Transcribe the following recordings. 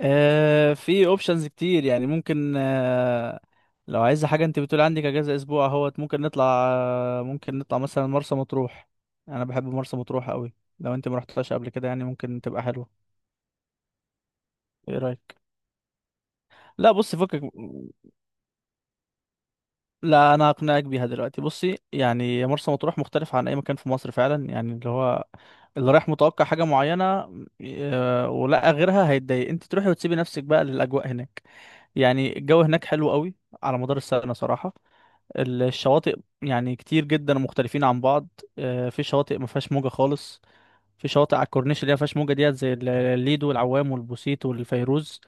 آه، في اوبشنز كتير. يعني ممكن لو عايز حاجه. انت بتقول عندك اجازه اسبوع اهوت، ممكن نطلع. ممكن نطلع مثلا مرسى مطروح. انا بحب مرسى مطروح قوي. لو انت ما رحتهاش قبل كده، يعني ممكن تبقى حلوه. ايه رايك؟ لا بصي، فكك. لا انا اقنعك بيها دلوقتي. بصي، يعني مرسى مطروح مختلف عن اي مكان في مصر فعلا. يعني اللي هو اللي رايح متوقع حاجه معينه، آه، ولقى غيرها، هيتضايق. انت تروحي وتسيبي نفسك بقى للاجواء هناك. يعني الجو هناك حلو قوي على مدار السنه صراحه. الشواطئ يعني كتير جدا ومختلفين عن بعض. آه، في شواطئ ما فيهاش موجة خالص. في شواطئ على الكورنيش اللي هي ما فيهاش موجة ديت، زي الليد والعوام والبوسيت والفيروز.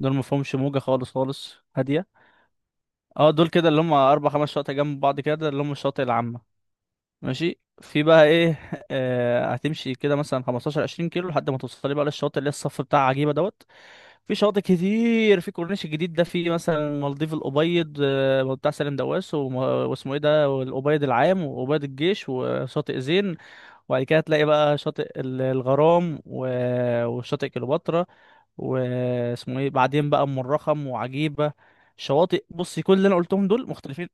دول ما فيهمش موجة خالص، خالص هادية. اه، دول كده اللي هم أربع خمس شواطئ جنب بعض، كده اللي هم الشواطئ العامة. ماشي. في بقى ايه؟ آه، هتمشي كده مثلا 15 20 كيلو لحد ما توصلي بقى للشاطئ اللي هي الصف بتاع عجيبه دوت. في شواطئ كتير في كورنيش الجديد ده. في مثلا مالديف الابيض، آه، بتاع سالم دواس، واسمه ايه ده، والابيض العام وابيض الجيش وشاطئ زين. وبعد كده تلاقي بقى شاطئ الغرام وشاطئ كليوباترا. واسمه ايه بعدين بقى؟ ام الرخم وعجيبه. شواطئ. بصي، كل اللي انا قلتهم دول مختلفين.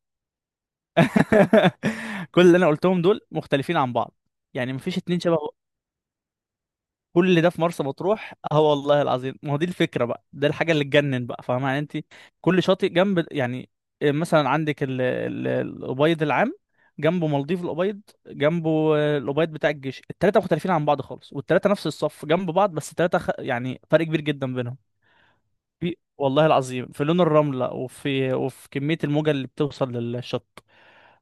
كل اللي انا قلتهم دول مختلفين عن بعض. يعني مفيش اتنين شبه بعض. كل ده في مرسى مطروح. اه والله العظيم. ما هو دي الفكره بقى، ده الحاجه اللي تجنن بقى. فاهمه يعني انت؟ كل شاطئ جنب، يعني مثلا عندك الابيض العام، جنبه مالديف الابيض، جنبه الابيض بتاع الجيش. التلاته مختلفين عن بعض خالص، والتلاته نفس الصف جنب بعض، بس التلاته يعني فرق كبير جدا بينهم. في والله العظيم، في لون الرمله، وفي كميه الموجه اللي بتوصل للشط.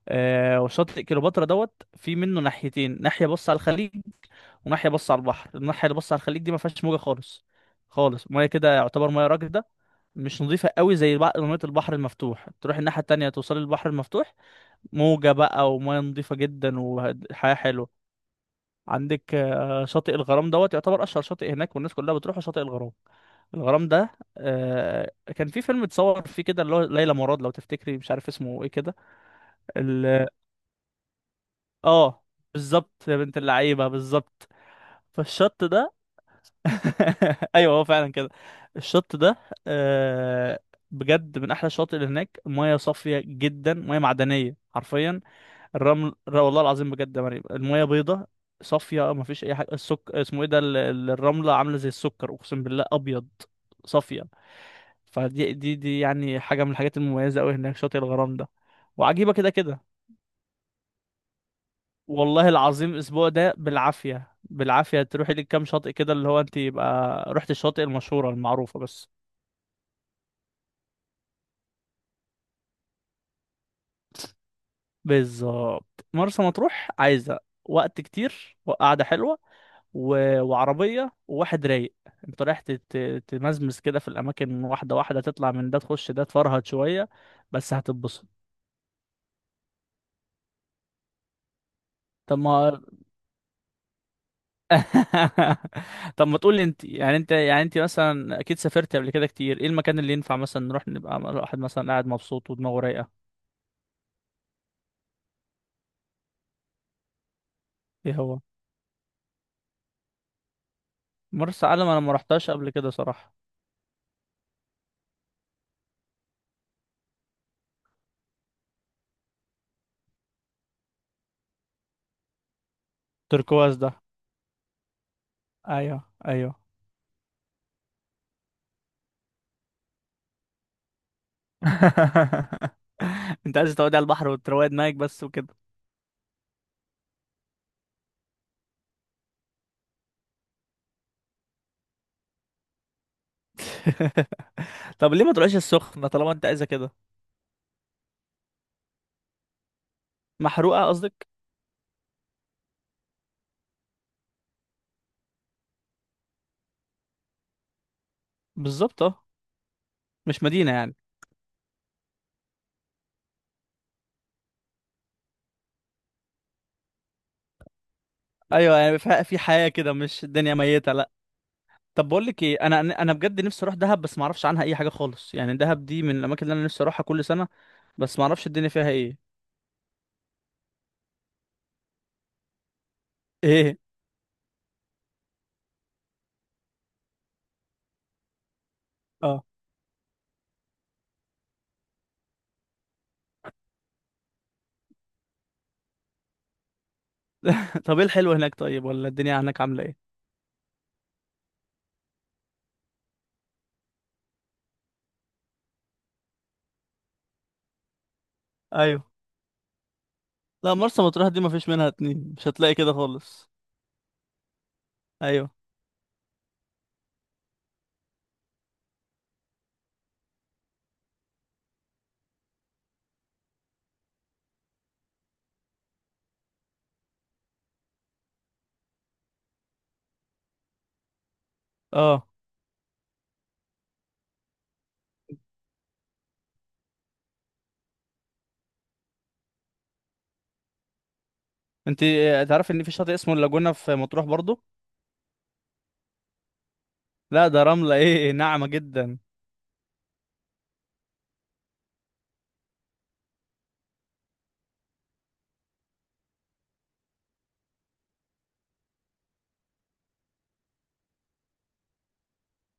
آه، وشاطئ كليوباترا دوت في منه ناحيتين: ناحية بص على الخليج وناحية بص على البحر. الناحية اللي بص على الخليج دي ما فيهاش موجة خالص خالص، مية كده يعتبر مية راكدة، مش نظيفة قوي زي بقى مية البحر المفتوح. تروح الناحية التانية توصلي للبحر المفتوح، موجة بقى ومية نظيفة جدا وحياة حلوة. عندك آه، شاطئ الغرام دوت يعتبر أشهر شاطئ هناك، والناس كلها بتروح شاطئ الغرام. الغرام ده آه، كان في فيلم اتصور فيه كده اللي هو ليلى مراد، لو تفتكري، مش عارف اسمه ايه كده. ال- اه، بالظبط يا بنت اللعيبه، بالظبط. فالشط ده ايوه، هو فعلا كده. الشط ده آه، بجد من احلى الشواطئ اللي هناك. ميه صافيه جدا، ميه معدنيه حرفيا. الرمل والله العظيم بجد يا مريم، الميه بيضه صافيه، ما فيش اي حاجه. السك اسمه ايه ده، الرمله عامله زي السكر، اقسم بالله ابيض صافيه. فدي دي دي يعني حاجه من الحاجات المميزه قوي هناك، شاطئ الغرام ده وعجيبه، كده كده. والله العظيم الاسبوع ده بالعافيه بالعافيه تروحي لك كام شاطئ كده، اللي هو انت يبقى رحت الشاطئ المشهوره المعروفه بس. بالظبط، مرسى مطروح عايزه وقت كتير وقعده حلوه و... وعربيه وواحد رايق. انت رايح تمزمز كده في الاماكن واحده واحده، تطلع من ده تخش ده، تفرهد شويه. بس هتتبسط. طب ما طب ما تقول لي انت مثلا اكيد سافرت قبل كده كتير، ايه المكان اللي ينفع مثلا نروح نبقى الواحد مثلا قاعد مبسوط ودماغه رايقه؟ ايه هو؟ مرسى علم انا ما رحتهاش قبل كده صراحة. تركواز ده. ايوه، ايوه. انت عايز تقعد على البحر وتروق دماغك بس وكده. طب ليه ما تروحش السخنة طالما انت عايزة كده؟ محروقة قصدك. بالظبط. اه، مش مدينة يعني. ايوه، يعني في حياة كده، مش الدنيا ميتة، لا. طب بقول لك ايه، انا بجد نفسي اروح دهب، بس ما اعرفش عنها اي حاجة خالص. يعني دهب دي من الاماكن اللي انا نفسي اروحها كل سنة، بس ما اعرفش الدنيا فيها ايه. ايه. اه. طب ايه الحلو هناك طيب؟ ولا الدنيا هناك عاملة ايه؟ ايوه. لا مرسى مطروح دي مفيش منها اتنين، مش هتلاقي كده خالص. ايوه. اه، انت آه، تعرف ان في شاطئ اسمه اللاجونة في مطروح برضو؟ لا، ده رملة ايه، ناعمة جدا.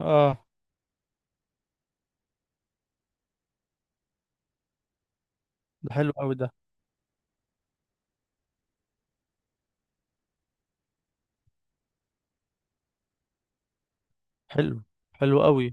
اه. ده حلو قوي ده. حلو. حلو قوي.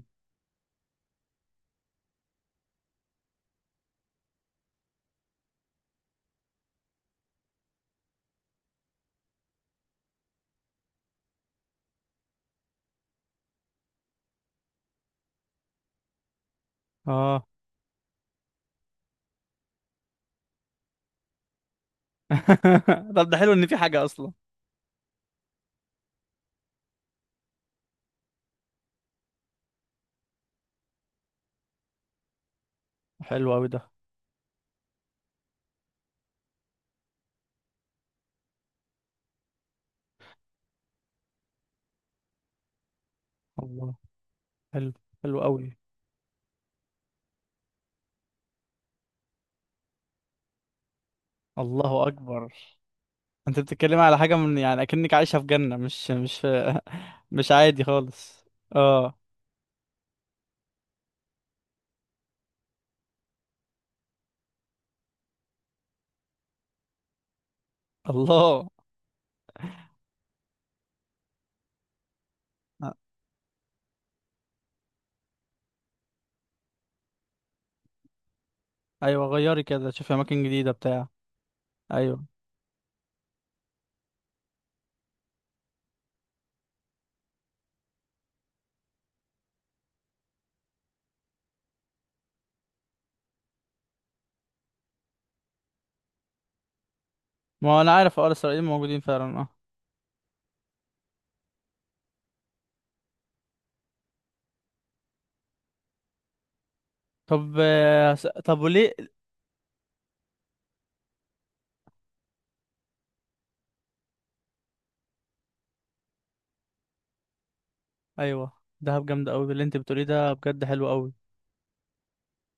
اه. طب ده حلو، ان في حاجة اصلا. حلو قوي ده. الله. حلو. حلو قوي. الله اكبر. انت بتتكلم على حاجة من يعني اكنك عايشة في جنة، مش عادي خالص. اه. الله. آه، ايوه، غيري كده، شوفي اماكن جديدة بتاع. ايوه، ما هو انا عارف، اه الاسرائيليين موجودين فعلا اه. طب آه، طب وليه؟ ايوه، دهب جامده قوي اللي انت بتقوليه ده، بجد حلو قوي.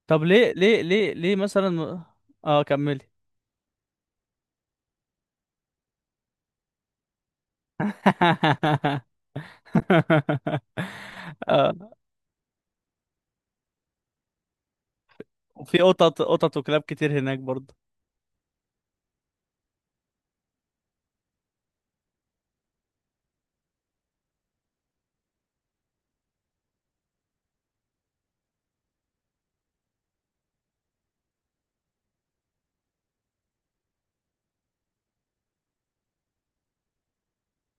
طب ليه ليه ليه ليه مثلا؟ اه، كملي. اه. وفي قطط وكلاب كتير هناك برضه.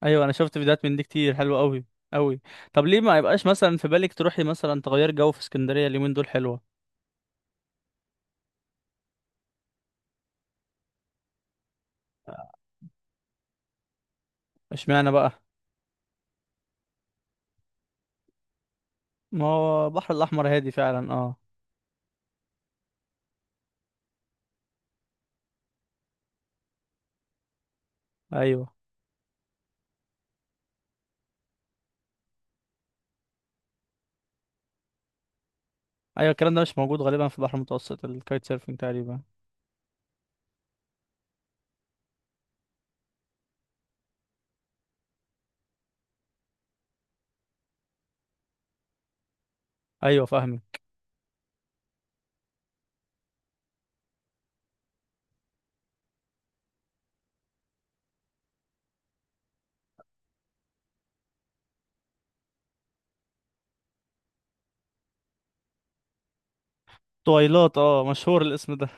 ايوه، انا شفت فيديوهات من دي كتير، حلوه قوي قوي. طب ليه ما يبقاش مثلا في بالك تروحي مثلا تغير جو في اسكندريه؟ اليومين دول حلوه. آه، اشمعنى بقى؟ ما هو البحر الاحمر هادي فعلا اه. ايوه، ايوه الكلام ده مش موجود غالبا في البحر المتوسط، الكايت سيرفينج تقريبا. ايوه، فاهمك. طويلات، اه مشهور الاسم ده.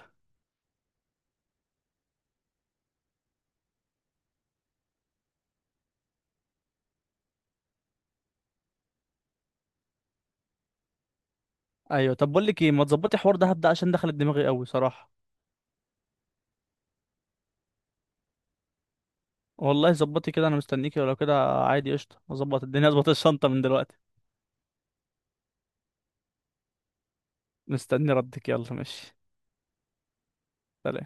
ايوه. طب بقول لك ايه، ما تظبطي حوار دهب ده، عشان دخلت دماغي قوي صراحه. والله ظبطي كده، انا مستنيكي، ولو كده عادي قشطه، اظبط الدنيا، اظبط الشنطه من دلوقتي. مستني ردك، يلا ماشي. سلام.